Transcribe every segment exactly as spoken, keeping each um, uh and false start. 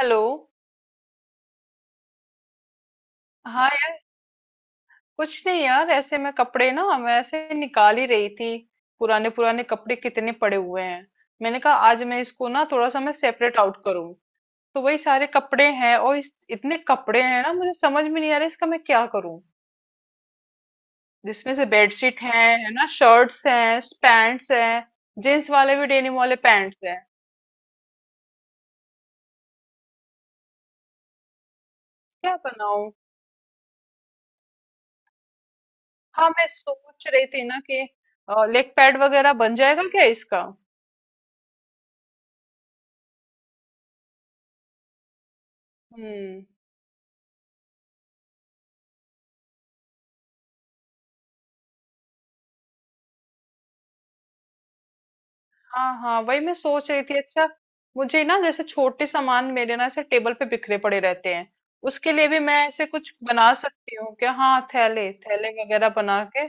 Hello. हाँ यार, कुछ नहीं यार, ऐसे मैं कपड़े ना, मैं ऐसे निकाल ही रही थी। पुराने पुराने कपड़े कितने पड़े हुए हैं। मैंने कहा आज मैं इसको ना थोड़ा सा मैं सेपरेट आउट करूँ। तो वही सारे कपड़े हैं और इस, इतने कपड़े हैं ना, मुझे समझ में नहीं आ रहा इसका मैं क्या करूँ। जिसमें से बेडशीट है है ना, शर्ट्स हैं, पैंट्स हैं। जींस वाले भी, डेनिम वाले पैंट्स हैं। क्या बनाऊं? हाँ, मैं सोच रही थी ना कि लेग पैड वगैरह बन जाएगा क्या इसका। हम्म। हाँ हाँ, वही मैं सोच रही थी। अच्छा, मुझे ना जैसे छोटे सामान मेरे ना ऐसे टेबल पे बिखरे पड़े रहते हैं, उसके लिए भी मैं ऐसे कुछ बना सकती हूँ क्या? हाँ, थैले थैले वगैरह बना के।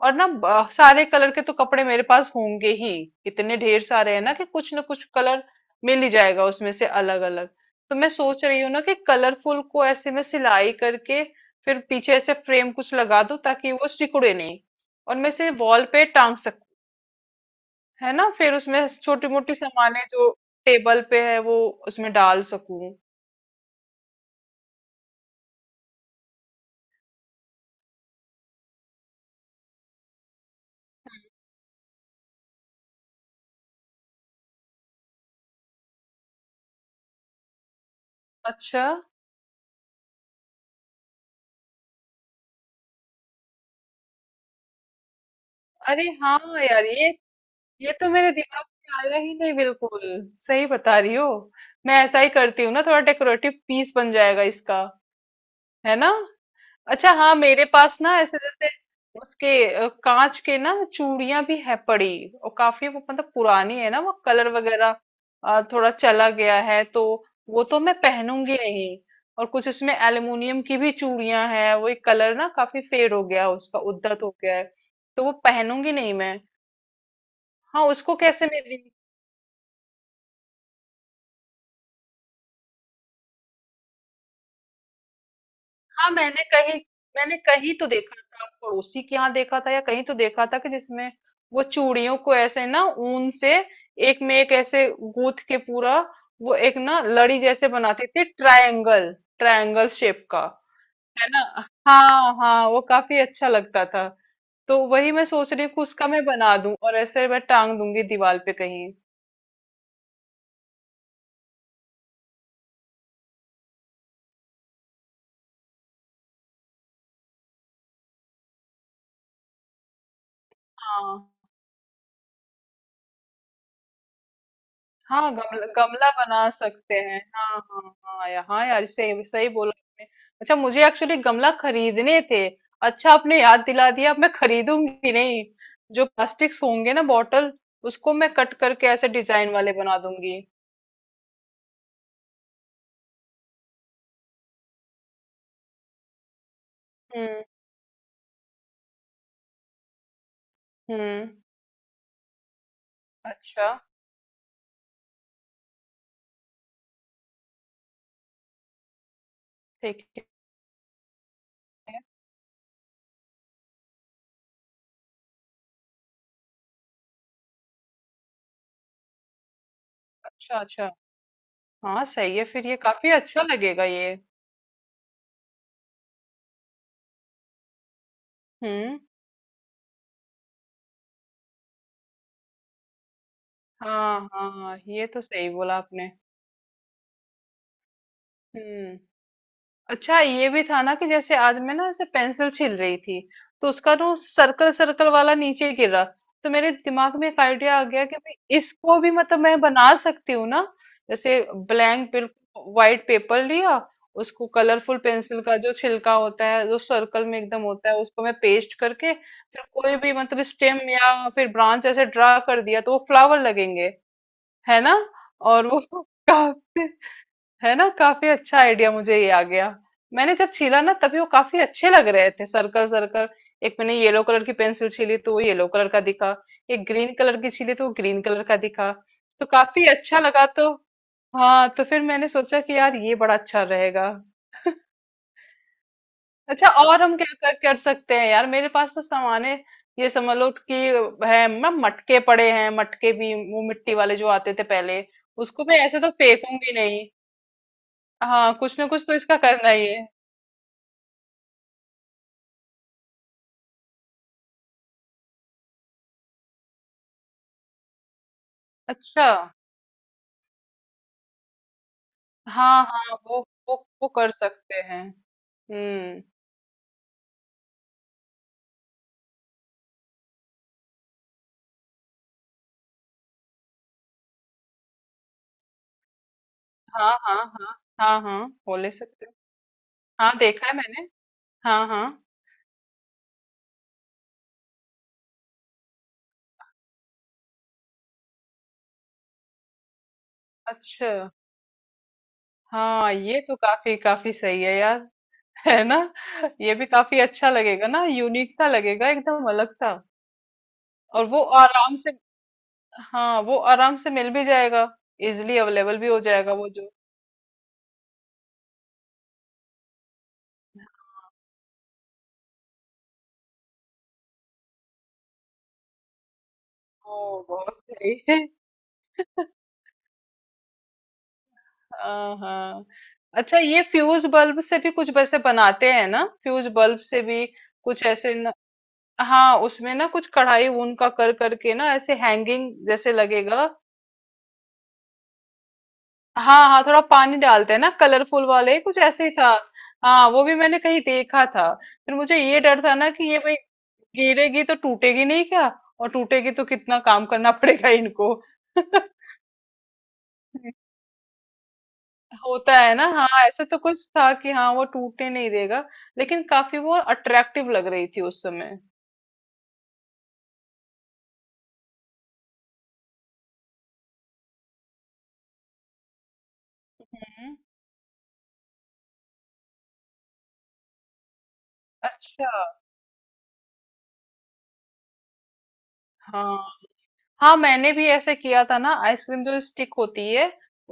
और ना ब- सारे कलर के तो कपड़े मेरे पास होंगे ही। इतने ढेर सारे हैं ना कि कुछ ना कुछ कलर मिल ही जाएगा उसमें से अलग अलग। तो मैं सोच रही हूँ ना कि कलरफुल को ऐसे में सिलाई करके, फिर पीछे ऐसे फ्रेम कुछ लगा दूं ताकि वो सिकुड़े नहीं, और मैं इसे वॉल पे टांग सकती, है ना। फिर उसमें छोटी मोटी सामानें जो टेबल पे है वो उसमें डाल सकूं। अच्छा। अरे हाँ यार ये ये तो मेरे दिमाग में आया ही नहीं बिल्कुल। सही बता रही हो, मैं ऐसा ही करती हूँ ना, थोड़ा डेकोरेटिव पीस बन जाएगा इसका, है ना। अच्छा हाँ, मेरे पास ना ऐसे जैसे उसके अ, कांच के ना चूड़ियां भी है पड़ी, और काफी वो मतलब पुरानी है ना, वो कलर वगैरह अ, थोड़ा चला गया है, तो वो तो मैं पहनूंगी नहीं। और कुछ उसमें एल्युमिनियम की भी चूड़ियां हैं, वो एक कलर ना काफी फेड हो गया है उसका, उद्धत हो गया है, तो वो पहनूंगी नहीं मैं। हाँ उसको कैसे मैं। हाँ मैंने कहीं, मैंने कहीं तो देखा था, पड़ोसी के यहाँ देखा था, या कहीं तो देखा था कि जिसमें वो चूड़ियों को ऐसे ना ऊन से एक में एक ऐसे गूंथ के पूरा, वो एक ना लड़ी जैसे बनाते थे, ट्रायंगल, ट्रायंगल शेप का, है ना। हाँ हाँ, वो काफी अच्छा लगता था। तो वही मैं सोच रही हूँ कि उसका मैं बना दूं और ऐसे मैं टांग दूंगी दीवार पे कहीं। हाँ हाँ, गमला गमला बना सकते हैं, हाँ हाँ हाँ यार, हाँ यार, सही सही बोला आपने। अच्छा, मुझे एक्चुअली गमला खरीदने थे। अच्छा, आपने याद दिला दिया, अब मैं खरीदूंगी नहीं। जो प्लास्टिक्स होंगे ना बॉटल, उसको मैं कट करके ऐसे डिजाइन वाले बना दूंगी। हम्म। हम्म। अच्छा। ठीक है। अच्छा अच्छा। हाँ सही है, फिर ये काफी अच्छा लगेगा ये। हम्म। हाँ हाँ, ये तो सही बोला आपने। हम्म। अच्छा ये भी था ना कि जैसे आज मैं ना ऐसे पेंसिल छील रही थी, तो उसका ना सर्कल सर्कल वाला नीचे गिरा, तो मेरे दिमाग में एक आइडिया आ गया कि भाई इसको भी मतलब मैं बना सकती हूँ ना। जैसे ब्लैंक बिल्कुल व्हाइट पेपर लिया, उसको कलरफुल पेंसिल का जो छिलका होता है जो सर्कल में एकदम होता है उसको मैं पेस्ट करके फिर कोई भी मतलब स्टेम या फिर ब्रांच ऐसे ड्रा कर दिया तो वो फ्लावर लगेंगे, है ना। और वो काफी, है ना, काफी अच्छा आइडिया मुझे ये आ गया। मैंने जब छीला ना तभी वो काफी अच्छे लग रहे थे, सर्कल सर्कल। एक मैंने येलो कलर की पेंसिल छीली तो वो येलो कलर का दिखा। एक ग्रीन कलर की छीली तो वो ग्रीन कलर का दिखा। तो काफी अच्छा लगा, तो हाँ, तो फिर मैंने सोचा कि यार ये बड़ा अच्छा रहेगा। अच्छा, और हम क्या कर, कर सकते हैं यार, मेरे पास तो सामान है, ये समझ लो कि। है, मैं मटके पड़े हैं, मटके भी वो मिट्टी वाले जो आते थे पहले, उसको मैं ऐसे तो फेंकूंगी नहीं। हाँ कुछ ना कुछ तो इसका करना ही है। अच्छा हाँ हाँ, वो, वो वो कर सकते हैं। हम्म। हाँ हाँ हाँ हाँ हाँ, वो ले सकते हैं। हाँ देखा है मैंने। हाँ हाँ। अच्छा। हाँ ये तो काफी काफी सही है यार। है ना, ये भी काफी अच्छा लगेगा ना, यूनिक सा लगेगा, एकदम अलग सा। और वो आराम से, हाँ वो आराम से मिल भी जाएगा, इजिली अवेलेबल भी हो जाएगा वो जो। ओ बहुत सही है। हाँ हाँ। अच्छा ये फ्यूज बल्ब से भी कुछ वैसे बनाते हैं ना, फ्यूज बल्ब से भी कुछ ऐसे न, हाँ उसमें ना कुछ कढ़ाई ऊन का कर करके ना ऐसे हैंगिंग जैसे लगेगा। हाँ हाँ थोड़ा पानी डालते हैं ना, कलरफुल वाले, कुछ ऐसे ही था। हाँ वो भी मैंने कहीं देखा था। फिर मुझे ये डर था ना कि ये भाई गिरेगी तो टूटेगी नहीं क्या, और टूटेगी तो कितना काम करना पड़ेगा इनको। होता है ना, हाँ, ऐसा तो कुछ था कि हाँ वो टूटने नहीं देगा, लेकिन काफी वो अट्रैक्टिव लग रही थी उस समय। हम्म। अच्छा। हाँ हाँ, मैंने भी ऐसे किया था ना, आइसक्रीम जो स्टिक होती है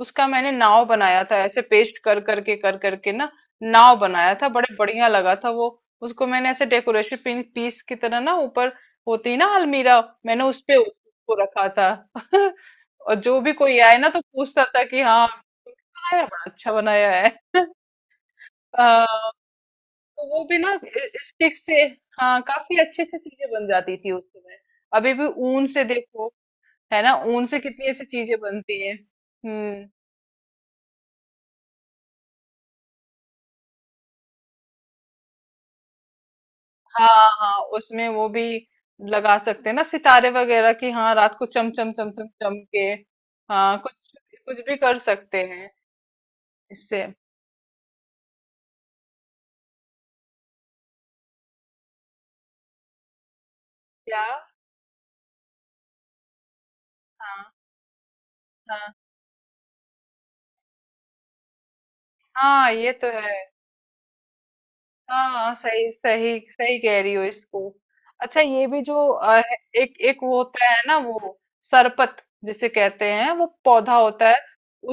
उसका मैंने नाव बनाया था, ऐसे पेस्ट कर करके कर करके ना, नाव बनाया था, बड़े बढ़िया लगा था वो। उसको मैंने ऐसे डेकोरेशन पिन पीस की तरह ना ऊपर, होती है ना अलमीरा, मैंने उस पे उसको रखा था। और जो भी कोई आए ना तो पूछता था कि हाँ, बनाया, बड़ा अच्छा बनाया है। अ, तो वो भी ना स्टिक से। हाँ काफी अच्छे से चीजें बन जाती थी उस समय, अभी भी। ऊन से देखो, है ना, ऊन से कितनी ऐसी चीजें बनती हैं। हम्म। हाँ हाँ उसमें वो भी लगा सकते हैं ना, सितारे वगैरह की, हाँ रात को चम चम चम चम चम के। हाँ कुछ, कुछ भी कर सकते हैं इससे। क्या। हाँ हाँ हाँ, ये तो है। हाँ सही सही सही कह रही हो इसको। अच्छा ये भी जो अ, एक एक वो होता है ना, वो सरपत जिसे कहते हैं, वो पौधा होता है।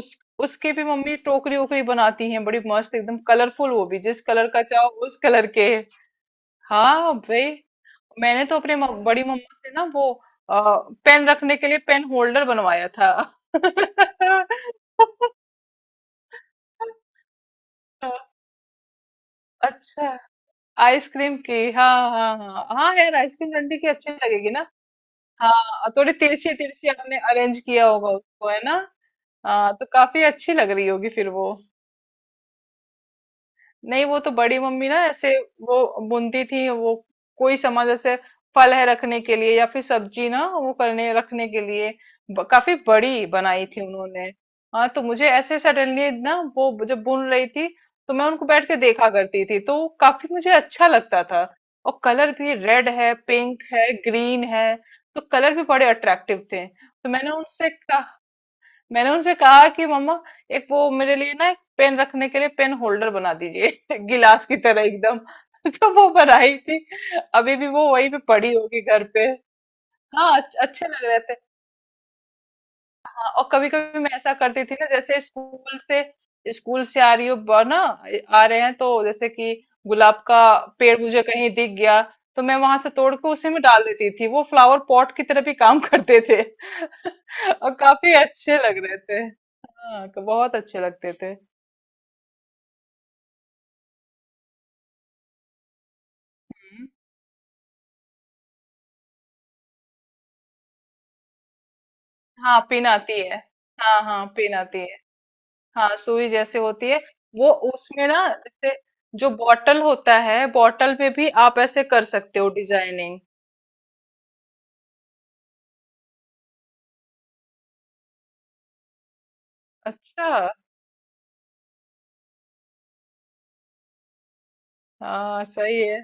उस उसकी भी मम्मी टोकरी ओकरी बनाती हैं, बड़ी मस्त, एकदम कलरफुल, वो भी जिस कलर का चाहो उस कलर के। हाँ भाई। मैंने तो अपने मम- बड़ी मम्मा से ना वो आ, पेन रखने के लिए पेन होल्डर बनवाया था। अच्छा आइसक्रीम की, हाँ हाँ हाँ हाँ यार, आइसक्रीम डंडी की अच्छी लगेगी ना। हाँ थोड़ी तिरछी तिरछी आपने अरेंज किया होगा उसको, है ना। हाँ तो काफी अच्छी लग रही होगी फिर वो। नहीं वो तो बड़ी मम्मी ना ऐसे, वो बुनती थी वो, कोई सामान जैसे फल है रखने के लिए, या फिर सब्जी ना वो करने रखने के लिए, ब- काफी बड़ी बनाई थी उन्होंने। हाँ तो मुझे ऐसे सडनली ना, वो जब बुन रही थी तो मैं उनको बैठ के देखा करती थी, तो काफी मुझे अच्छा लगता था। और कलर भी, रेड है, पिंक है, ग्रीन है, तो कलर भी बड़े अट्रैक्टिव थे, तो मैंने उनसे कहा, मैंने उनसे कहा कि मम्मा एक वो मेरे लिए ना, एक पेन रखने के लिए पेन होल्डर बना दीजिए, गिलास की तरह एकदम। तो वो बनाई थी। अभी भी वो वहीं पे पड़ी होगी घर पे। हाँ अच्छे अच्छे लग रहे थे। और कभी कभी मैं ऐसा करती थी ना जैसे स्कूल से, स्कूल से आ रही हो ब- ना, आ रहे हैं तो जैसे कि गुलाब का पेड़ मुझे कहीं दिख गया, तो मैं वहां से तोड़ के उसी में डाल देती थी, वो फ्लावर पॉट की तरह भी काम करते थे। और काफी अच्छे लग रहे थे, हाँ, क- बहुत अच्छे लगते थे। हम्म। हाँ पिन आती है, हाँ हाँ पिन आती है। हाँ सुई जैसे होती है। वो उसमें ना जैसे जो बॉटल होता है, बॉटल में भी आप ऐसे कर सकते हो डिजाइनिंग। अच्छा हाँ सही है।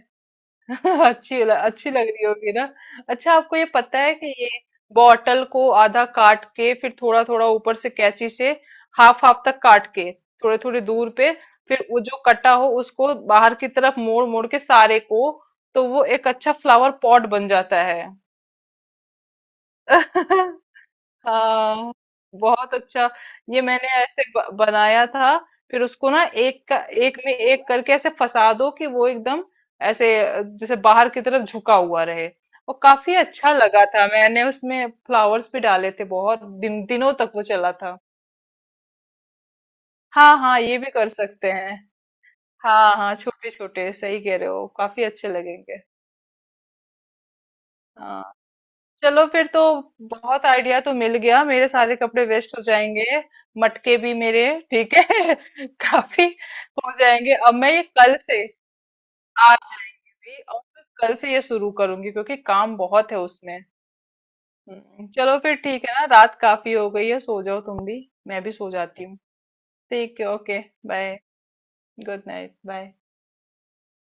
अच्छी ल- अच्छी लग रही होगी ना। अच्छा आपको ये पता है कि ये बॉटल को आधा काट के, फिर थोड़ा थोड़ा ऊपर से कैंची से, हाफ हाफ तक काट के, थोड़े थोड़े दूर पे, फिर वो जो कटा हो उसको बाहर की तरफ मोड़ मोड़ के सारे को, तो वो एक अच्छा फ्लावर पॉट बन जाता है। हाँ बहुत अच्छा। ये मैंने ऐसे ब- बनाया था। फिर उसको ना एक का, एक में एक करके ऐसे फंसा दो कि वो एकदम ऐसे अ, जैसे बाहर की तरफ झुका हुआ रहे, और काफी अच्छा लगा था, मैंने उसमें फ्लावर्स भी डाले थे, बहुत दिन दिनों तक वो चला था। हाँ हाँ ये भी कर सकते हैं। हाँ हाँ छोटे छोटे, सही कह रहे हो, काफी अच्छे लगेंगे। हाँ चलो फिर तो, बहुत आइडिया तो मिल गया, मेरे सारे कपड़े वेस्ट हो जाएंगे, मटके भी मेरे, ठीक है। काफी हो जाएंगे। अब मैं ये कल से, आज जाएंगे भी, और मैं कल से ये शुरू करूंगी क्योंकि काम बहुत है उसमें। हम्म, चलो फिर ठीक है ना, रात काफी हो गई है, सो जाओ तुम भी। मैं भी सो जाती हूँ। ठीक है, okay, bye. Good night, bye.